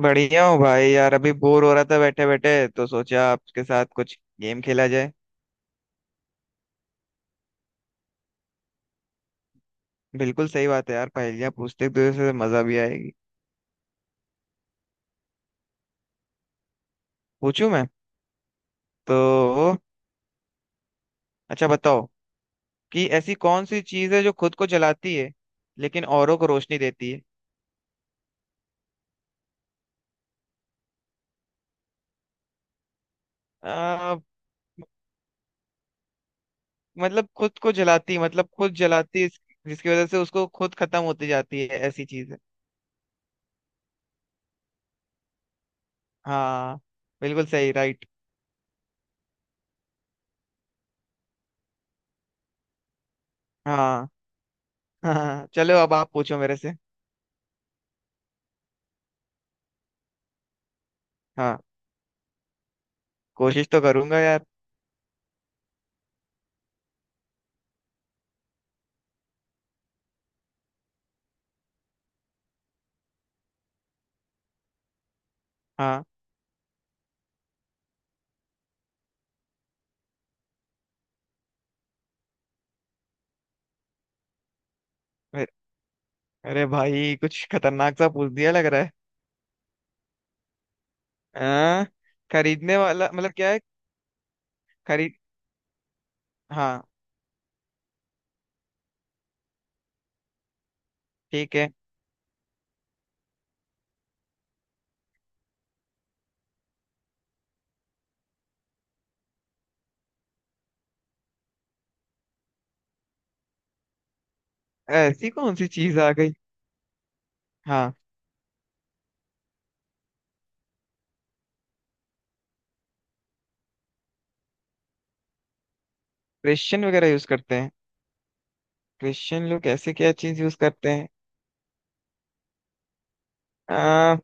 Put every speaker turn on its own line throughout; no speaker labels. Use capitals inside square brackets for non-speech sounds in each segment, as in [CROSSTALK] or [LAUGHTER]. बढ़िया हूँ भाई यार। अभी बोर हो रहा था बैठे बैठे तो सोचा आपके साथ कुछ गेम खेला जाए। बिल्कुल सही बात है यार। पहेलियाँ पूछते एक दूसरे से मजा भी आएगी। पूछूं मैं? तो अच्छा बताओ कि ऐसी कौन सी चीज़ है जो खुद को जलाती है, लेकिन औरों को रोशनी देती है। आ, मतलब खुद को जलाती, मतलब खुद जलाती जिसकी वजह से उसको खुद खत्म होती जाती है, ऐसी चीज़ है। हाँ। बिल्कुल सही, राइट। हाँ। [LAUGHS] हाँ, चलो अब आप पूछो मेरे से। हाँ। कोशिश तो करूंगा यार। हाँ, अरे भाई कुछ खतरनाक सा पूछ दिया लग रहा है। हाँ। खरीदने वाला मतलब क्या है? खरीद। हाँ। ठीक है। ऐसी कौन सी चीज आ गई? हाँ। क्रिश्चियन वगैरह यूज करते हैं? क्रिश्चियन लोग ऐसे क्या चीज यूज करते हैं? आ,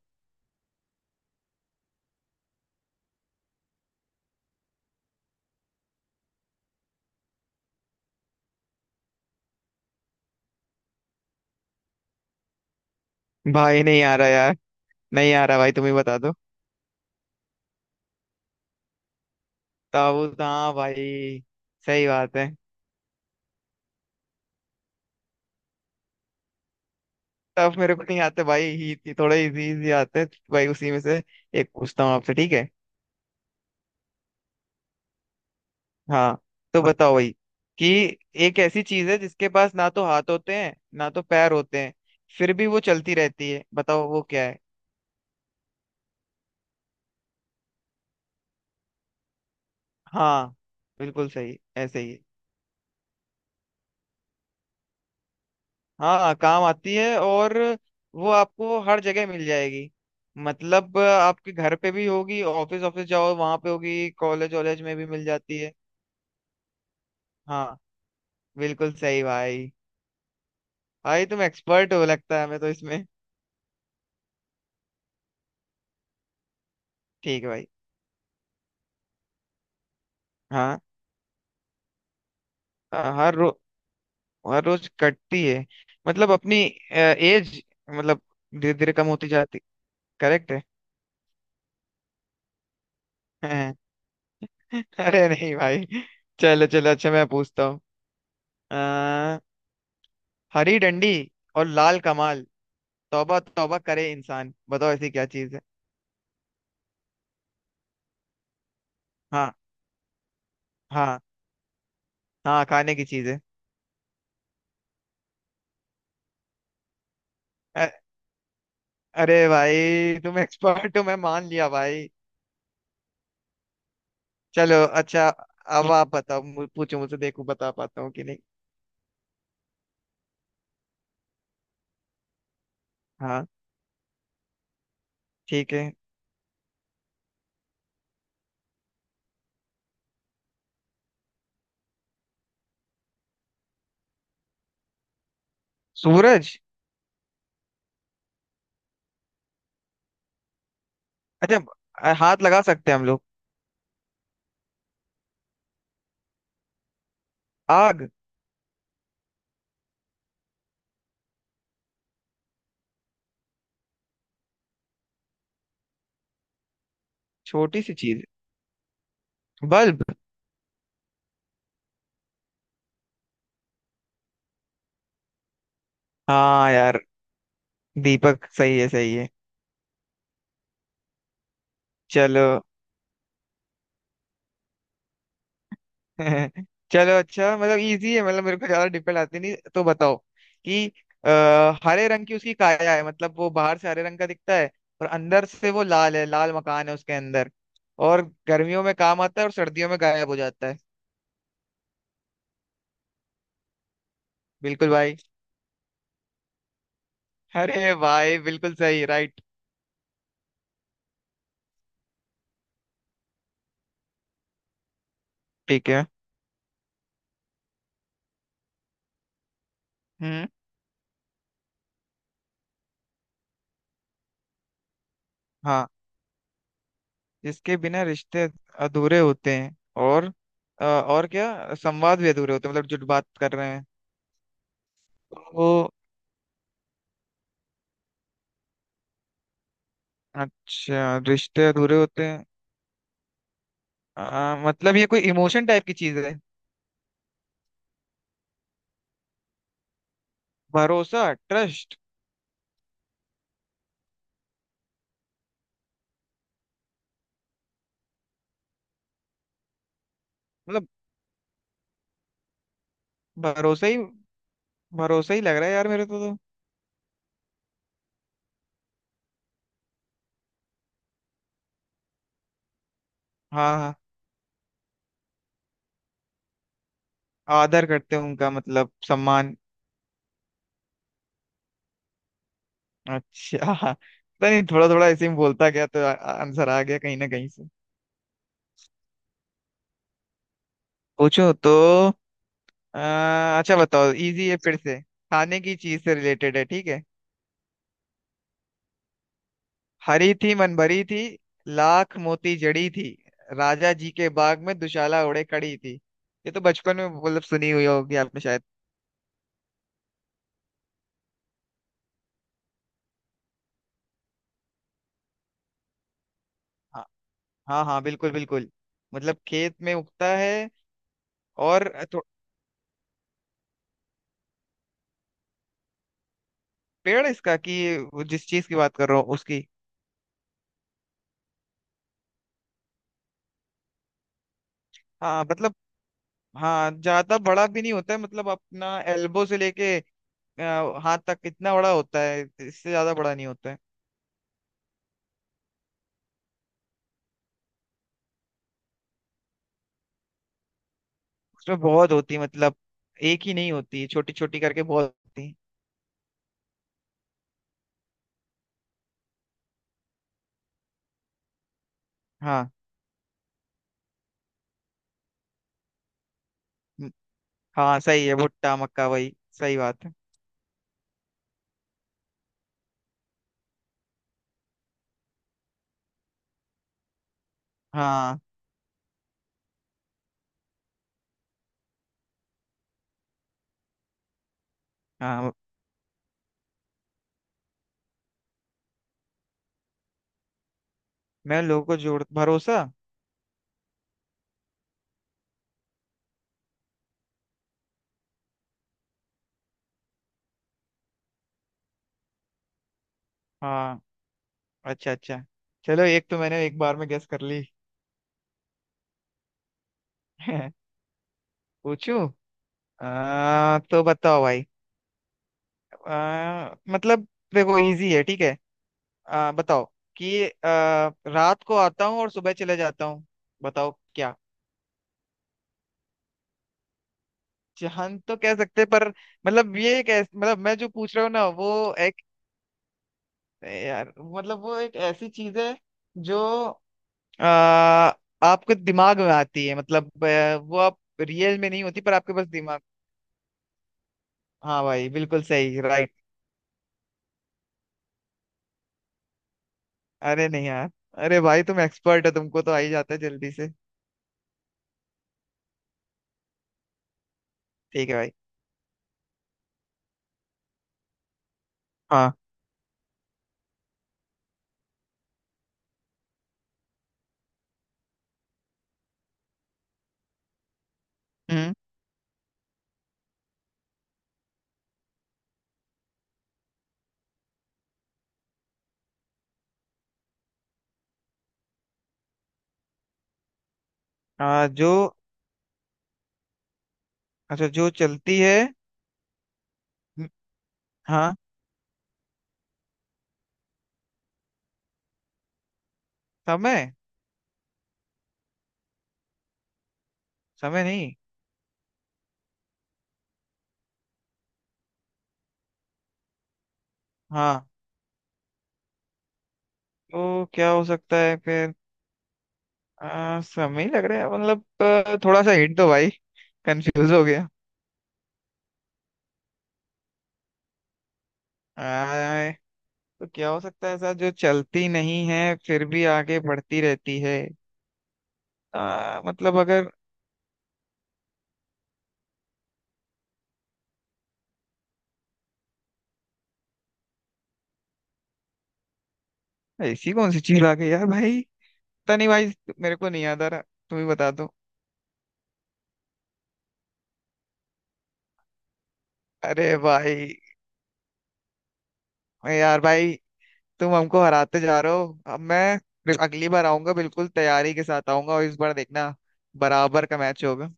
भाई नहीं आ रहा यार। नहीं आ रहा भाई, तुम ही बता दो। ताबूत, हाँ भाई। सही बात है। तब मेरे को नहीं आते भाई, ही थोड़े इजी इजी आते हैं भाई, उसी में से एक पूछता हूँ आपसे ठीक है? हाँ। तो बताओ भाई कि एक ऐसी चीज है जिसके पास ना तो हाथ होते हैं ना तो पैर होते हैं, फिर भी वो चलती रहती है। बताओ वो क्या है? हाँ, बिल्कुल सही, ऐसे ही है। हाँ, काम आती है। और वो आपको हर जगह मिल जाएगी। मतलब आपके घर पे भी होगी, ऑफिस ऑफिस जाओ वहां पे होगी, कॉलेज वॉलेज में भी मिल जाती है। हाँ। बिल्कुल सही भाई। भाई तुम एक्सपर्ट हो लगता है, हमें तो इसमें ठीक है भाई। हाँ। हर रो और रोज कटती है, मतलब अपनी एज, मतलब धीरे धीरे कम होती जाती। करेक्ट है। [LAUGHS] अरे नहीं भाई। चलो चलो अच्छा मैं पूछता हूँ। अ, हरी डंडी और लाल कमाल, तौबा तौबा करे इंसान। बताओ ऐसी क्या चीज है? हाँ हाँ हाँ, खाने की चीज है। अ- अरे भाई तुम एक्सपर्ट हो, मैं मान लिया भाई। चलो अच्छा, अब आप बताओ पूछो मुझसे, देखो बता पाता हूँ कि नहीं। हाँ। ठीक है। सूरज। अच्छा। हाथ लगा सकते हैं हम लोग? आग। छोटी सी चीज। बल्ब। हाँ यार, दीपक सही है, सही है। चलो। [LAUGHS] चलो अच्छा, मतलब इजी है, मतलब मेरे को ज्यादा डिफिकल्ट आती नहीं, तो बताओ कि हरे रंग की उसकी काया है, मतलब वो बाहर से हरे रंग का दिखता है और अंदर से वो लाल है, लाल मकान है उसके अंदर। और गर्मियों में काम आता है और सर्दियों में गायब हो जाता है। बिल्कुल भाई। अरे भाई, बिल्कुल सही, राइट। ठीक है। हम्म। हाँ। जिसके बिना रिश्ते अधूरे होते हैं, और और क्या संवाद भी अधूरे होते हैं, मतलब जो बात कर रहे हैं। तो अच्छा रिश्ते अधूरे होते हैं। मतलब ये कोई इमोशन टाइप की चीज है? भरोसा। ट्रस्ट। मतलब भरोसा ही, भरोसा ही लग रहा है यार मेरे को तो। हाँ हाँ। आदर करते हैं उनका, मतलब सम्मान। अच्छा। [LAUGHS] पता नहीं, थोड़ा थोड़ा ऐसे ही बोलता गया तो आंसर आ आ- answer आ गया कहीं ना कहीं से। पूछो तो। अच्छा बताओ, इजी है, फिर से खाने की चीज से रिलेटेड है ठीक है? हरी थी मन भरी थी, लाख मोती जड़ी थी, राजा जी के बाग में दुशाला ओढ़े खड़ी थी। ये तो बचपन में मतलब सुनी हुई होगी आपने शायद। हाँ। हाँ हाँ, बिल्कुल बिल्कुल। मतलब खेत में उगता है। और पेड़ है इसका, कि वो जिस चीज की बात कर रहा हूँ उसकी? हाँ मतलब, हाँ ज्यादा बड़ा भी नहीं होता है, मतलब अपना एल्बो से लेके हाथ तक इतना बड़ा होता है, इससे ज्यादा बड़ा नहीं होता है। उसमें बहुत होती है, मतलब एक ही नहीं होती, छोटी छोटी करके बहुत होती है। हाँ। म- हाँ सही है, भुट्टा, मक्का वही। सही बात है। हाँ। हाँ। मैं लोगों को जोड़, भरोसा। हाँ। अच्छा अच्छा। चलो एक तो मैंने एक बार में गेस कर ली। [LAUGHS] पूछू? तो बताओ भाई, मतलब देखो इजी है ठीक है? बताओ कि रात को आता हूँ और सुबह चले जाता हूँ, बताओ क्या? जहन तो कह सकते हैं, पर मतलब ये एक मतलब मैं जो पूछ रहा हूँ ना वो एक, यार मतलब वो एक ऐसी चीज है जो आ, आपके दिमाग में आती है, मतलब वो आप रियल में नहीं होती पर आपके पास दिमाग। हाँ भाई, बिल्कुल सही, राइट। अरे नहीं यार। अरे भाई तुम एक्सपर्ट हो, तुमको तो आ ही जाता है जल्दी से। ठीक है भाई। हाँ। हम्म। जो अच्छा जो चलती है। हम्म, हाँ। समय। समय नहीं? हाँ, तो क्या हो सकता है फिर? समय ही लग रहा है, मतलब थोड़ा सा हिंट दो भाई, कंफ्यूज हो गया। आ, तो क्या हो सकता है ऐसा जो चलती नहीं है फिर भी आगे बढ़ती रहती है? मतलब अगर, ऐसी कौन सी चीज आ गई यार भाई। पता नहीं भाई, मेरे को नहीं याद आ रहा, तुम ही बता दो। अरे भाई, यार भाई, तुम हमको हराते जा रहे हो। अब मैं अगली बार आऊंगा बिल्कुल तैयारी के साथ आऊंगा, और इस बार देखना बराबर का मैच होगा।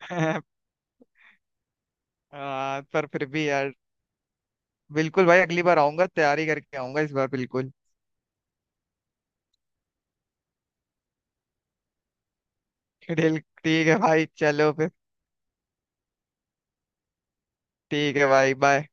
[LAUGHS] पर फिर भी यार, बिल्कुल भाई, अगली बार आऊंगा, तैयारी करके आऊंगा इस बार बिल्कुल। [LAUGHS] ठीक, ठीक है भाई, चलो फिर। ठीक है भाई, बाय।